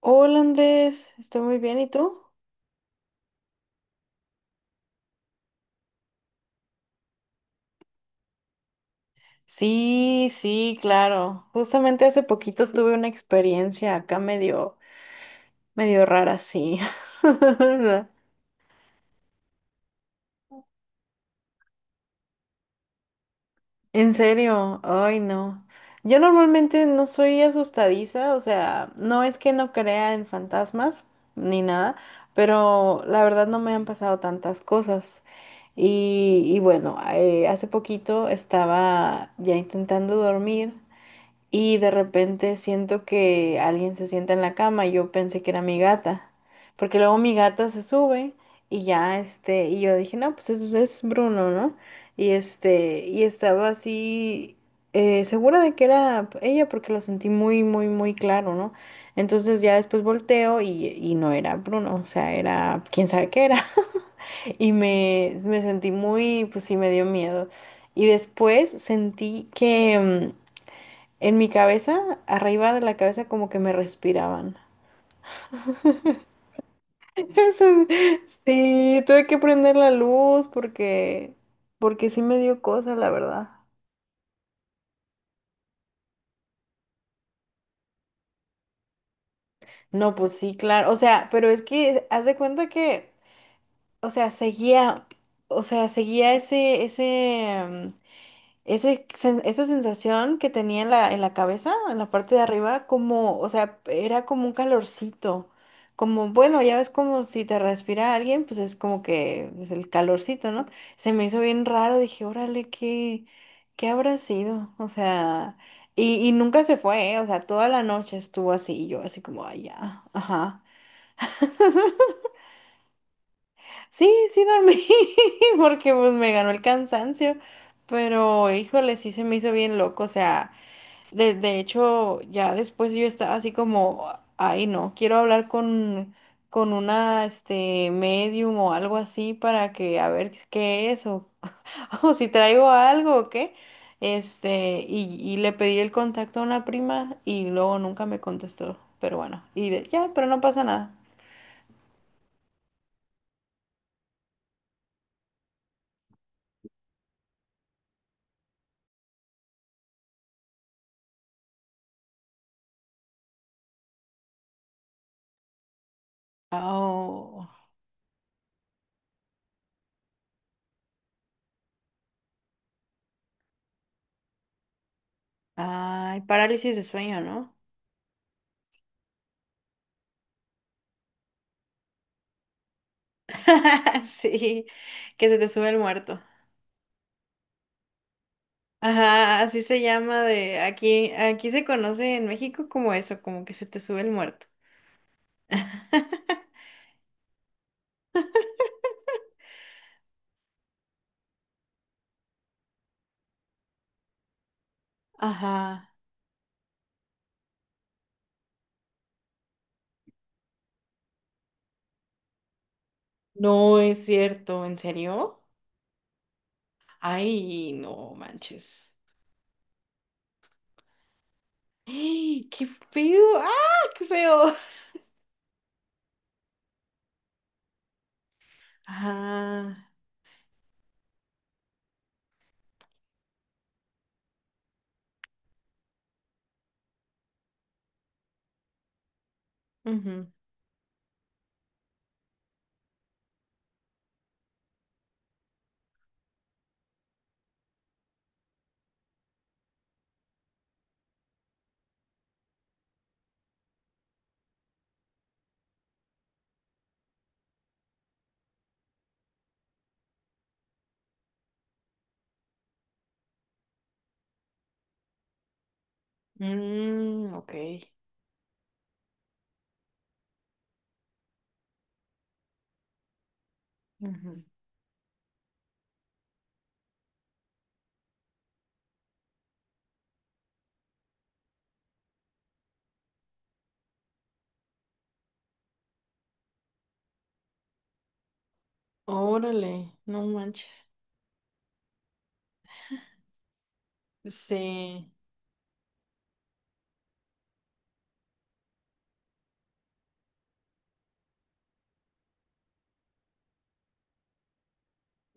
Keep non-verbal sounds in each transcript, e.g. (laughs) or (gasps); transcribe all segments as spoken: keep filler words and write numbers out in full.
Hola Andrés, estoy muy bien, ¿y tú? Sí, sí, claro. Justamente hace poquito tuve una experiencia acá medio, medio rara, sí. (laughs) En serio, ay no. Yo normalmente no soy asustadiza, o sea, no es que no crea en fantasmas ni nada, pero la verdad no me han pasado tantas cosas. Y, y bueno, eh, hace poquito estaba ya intentando dormir. Y de repente siento que alguien se sienta en la cama y yo pensé que era mi gata, porque luego mi gata se sube y ya este, y yo dije, no, pues es, es Bruno, ¿no? Y este, y estaba así eh, segura de que era ella porque lo sentí muy, muy, muy claro, ¿no? Entonces ya después volteo y, y no era Bruno, o sea, era quién sabe qué era. (laughs) Y me, me sentí muy, pues sí, me dio miedo. Y después sentí que, mm, en mi cabeza, arriba de la cabeza, como que me respiraban. (laughs) Eso- es- Sí, tuve que prender la luz porque, porque sí me dio cosa, la verdad. No, pues sí, claro. O sea, pero es que haz de cuenta que, o sea, seguía, o sea, seguía ese, ese, mm, Ese sen- esa sensación que tenía en la, en la cabeza, en la parte de arriba, como, o sea, era como un calorcito. Como, bueno, ya ves como si te respira alguien, pues es como que es el calorcito, ¿no? Se me hizo bien raro, dije, órale, ¿qué, qué habrá sido? O sea, y, y nunca se fue, ¿eh? O sea, toda la noche estuvo así, y yo así como, ay, ya, ajá. Sí, sí dormí, (laughs) porque pues me ganó el cansancio, pero híjole, sí se me hizo bien loco, o sea. De, de hecho, ya después yo estaba así como, ay no, quiero hablar con, con una, este, medium o algo así para que a ver qué es o, (laughs) o si traigo algo o qué. Este, y, y le pedí el contacto a una prima y luego nunca me contestó, pero bueno, y de- ya, pero no pasa nada. Oh, ay, parálisis de sueño, ¿no? (laughs) Sí, que se te sube el muerto. Ajá, así se llama de aquí, aquí se conoce en México como eso, como que se te sube el muerto. (laughs) Ajá. No es cierto, ¿en serio? Ay, no manches. ¡Ay! ¡Qué feo! ¡Ah, qué feo! Ajá. Ujú. Mm, ok. Ujú. Órale, no manches. Sí.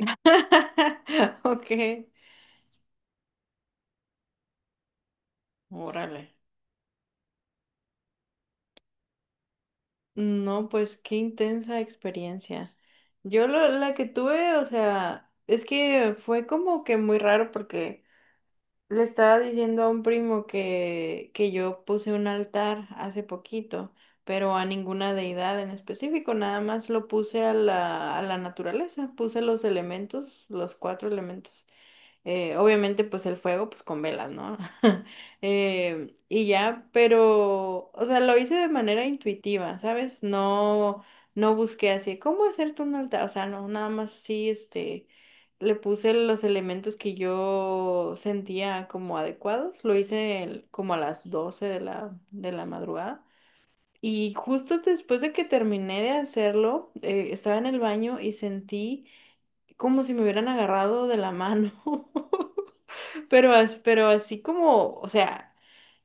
(laughs) Ok. Órale. No, pues qué intensa experiencia. Yo lo- la que tuve, o sea, es que fue como que muy raro porque le estaba diciendo a un primo que, que yo puse un altar hace poquito, pero a ninguna deidad en específico, nada más lo puse a la, a la naturaleza, puse los elementos, los cuatro elementos. Eh, obviamente, pues el fuego, pues con velas, ¿no? (laughs) Eh, y ya, pero, o sea, lo hice de manera intuitiva, ¿sabes? No, no busqué así, ¿cómo hacerte un altar? O sea, no, nada más así, este, le puse los elementos que yo sentía como adecuados. Lo hice el- como a las doce de la, de la madrugada. Y justo después de que terminé de hacerlo, eh, estaba en el baño y sentí como si me hubieran agarrado de la mano. (laughs) Pero, as- pero así como, o sea,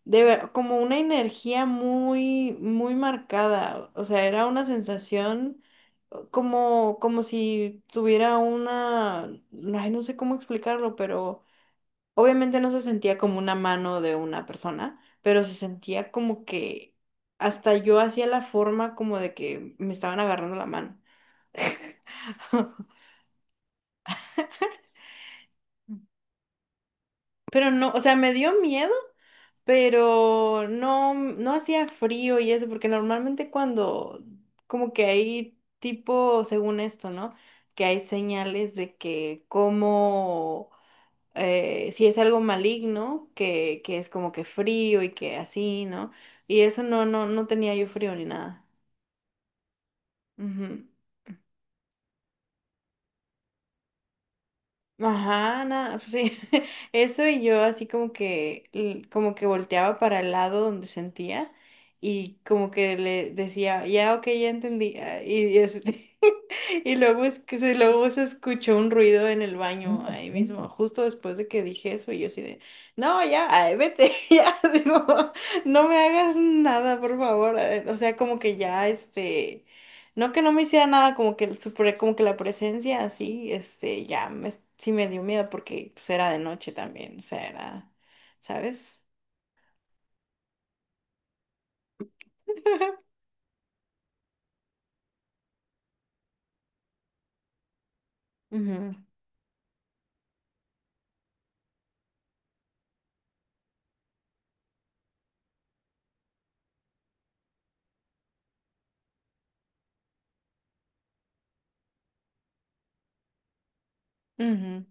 de, ver- como una energía muy, muy marcada. O sea, era una sensación como, como si tuviera una, ay, no sé cómo explicarlo, pero obviamente no se sentía como una mano de una persona, pero se sentía como que hasta yo hacía la forma como de que me estaban agarrando la mano. (laughs) Pero no, o sea, me dio miedo, pero no, no hacía frío y eso, porque normalmente cuando, como que hay tipo, según esto, ¿no? Que hay señales de que como, eh, si es algo maligno, que, que es como que frío y que así, ¿no? Y eso no, no, no tenía yo frío ni nada. Ujú. Ajá, nada, pues sí. (laughs) Eso y yo así como que, l- como que volteaba para el lado donde sentía y como que le decía, ya, ok, ya entendí. ah, Y, y así, y luego es que se, luego se escuchó un ruido en el baño ahí mismo, justo después de que dije eso, y yo así de, no, ya, ay, vete, (laughs) ya, digo, no me hagas nada, por favor. eh, O sea, como que ya, este, no que no me hiciera nada, como que el super, como que la presencia así, este, ya me, sí me dio miedo porque pues, era de noche también, o sea, era, ¿sabes? (laughs) Ujú, ujú,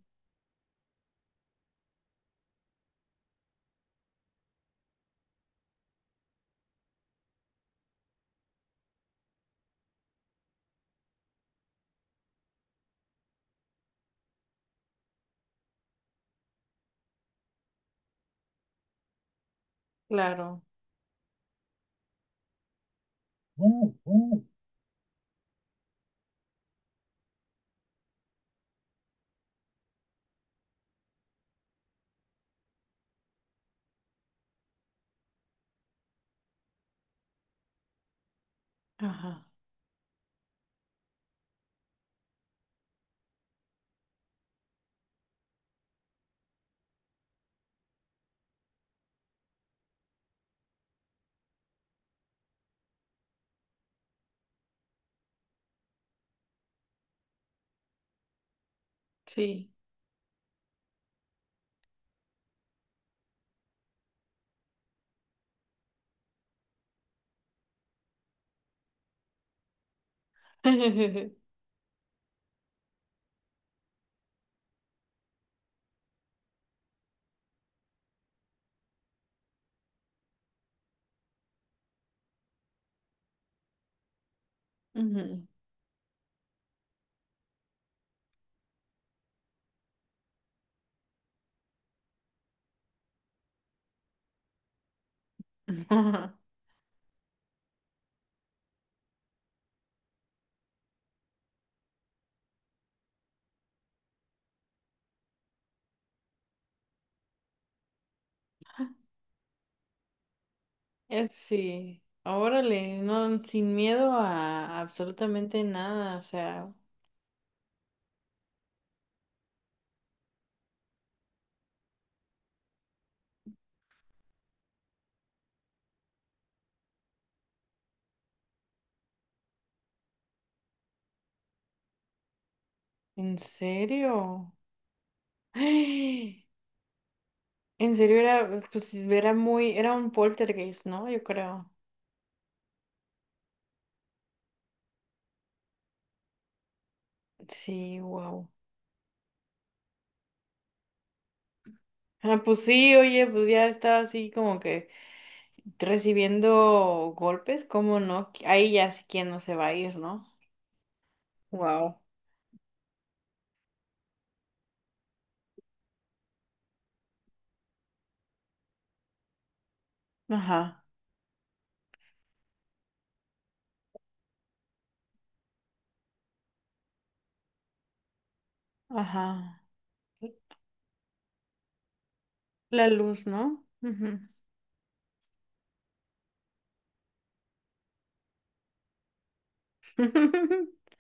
claro. Ajá, sí. (laughs) Ujú. (laughs) Es sí, órale, no, sin miedo a absolutamente nada, o sea, ¿en serio? (gasps) ¡Ay! En serio era, pues era muy, era un poltergeist, ¿no? Yo creo. Sí, wow. Ah, pues sí, oye, pues ya estaba así como que recibiendo golpes, ¿cómo no? Ahí ya sí quien no se va a ir, ¿no? Wow. Ajá, ajá. La luz, ¿no? Ujú. (laughs)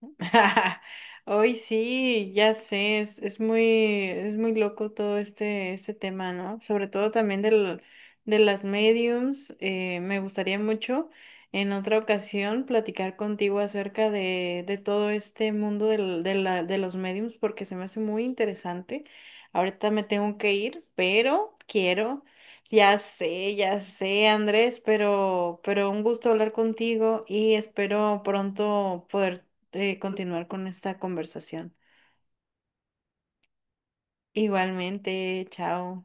(laughs) Hoy sí, ya sé, es, es muy, es muy loco todo este, este tema, ¿no? Sobre todo también del, de las mediums. Eh, me gustaría mucho en otra ocasión platicar contigo acerca de, de todo este mundo del- de la- de los mediums porque se me hace muy interesante. Ahorita me tengo que ir, pero quiero, ya sé, ya sé, Andrés, pero, pero un gusto hablar contigo y espero pronto poder eh, continuar con esta conversación. Igualmente, chao.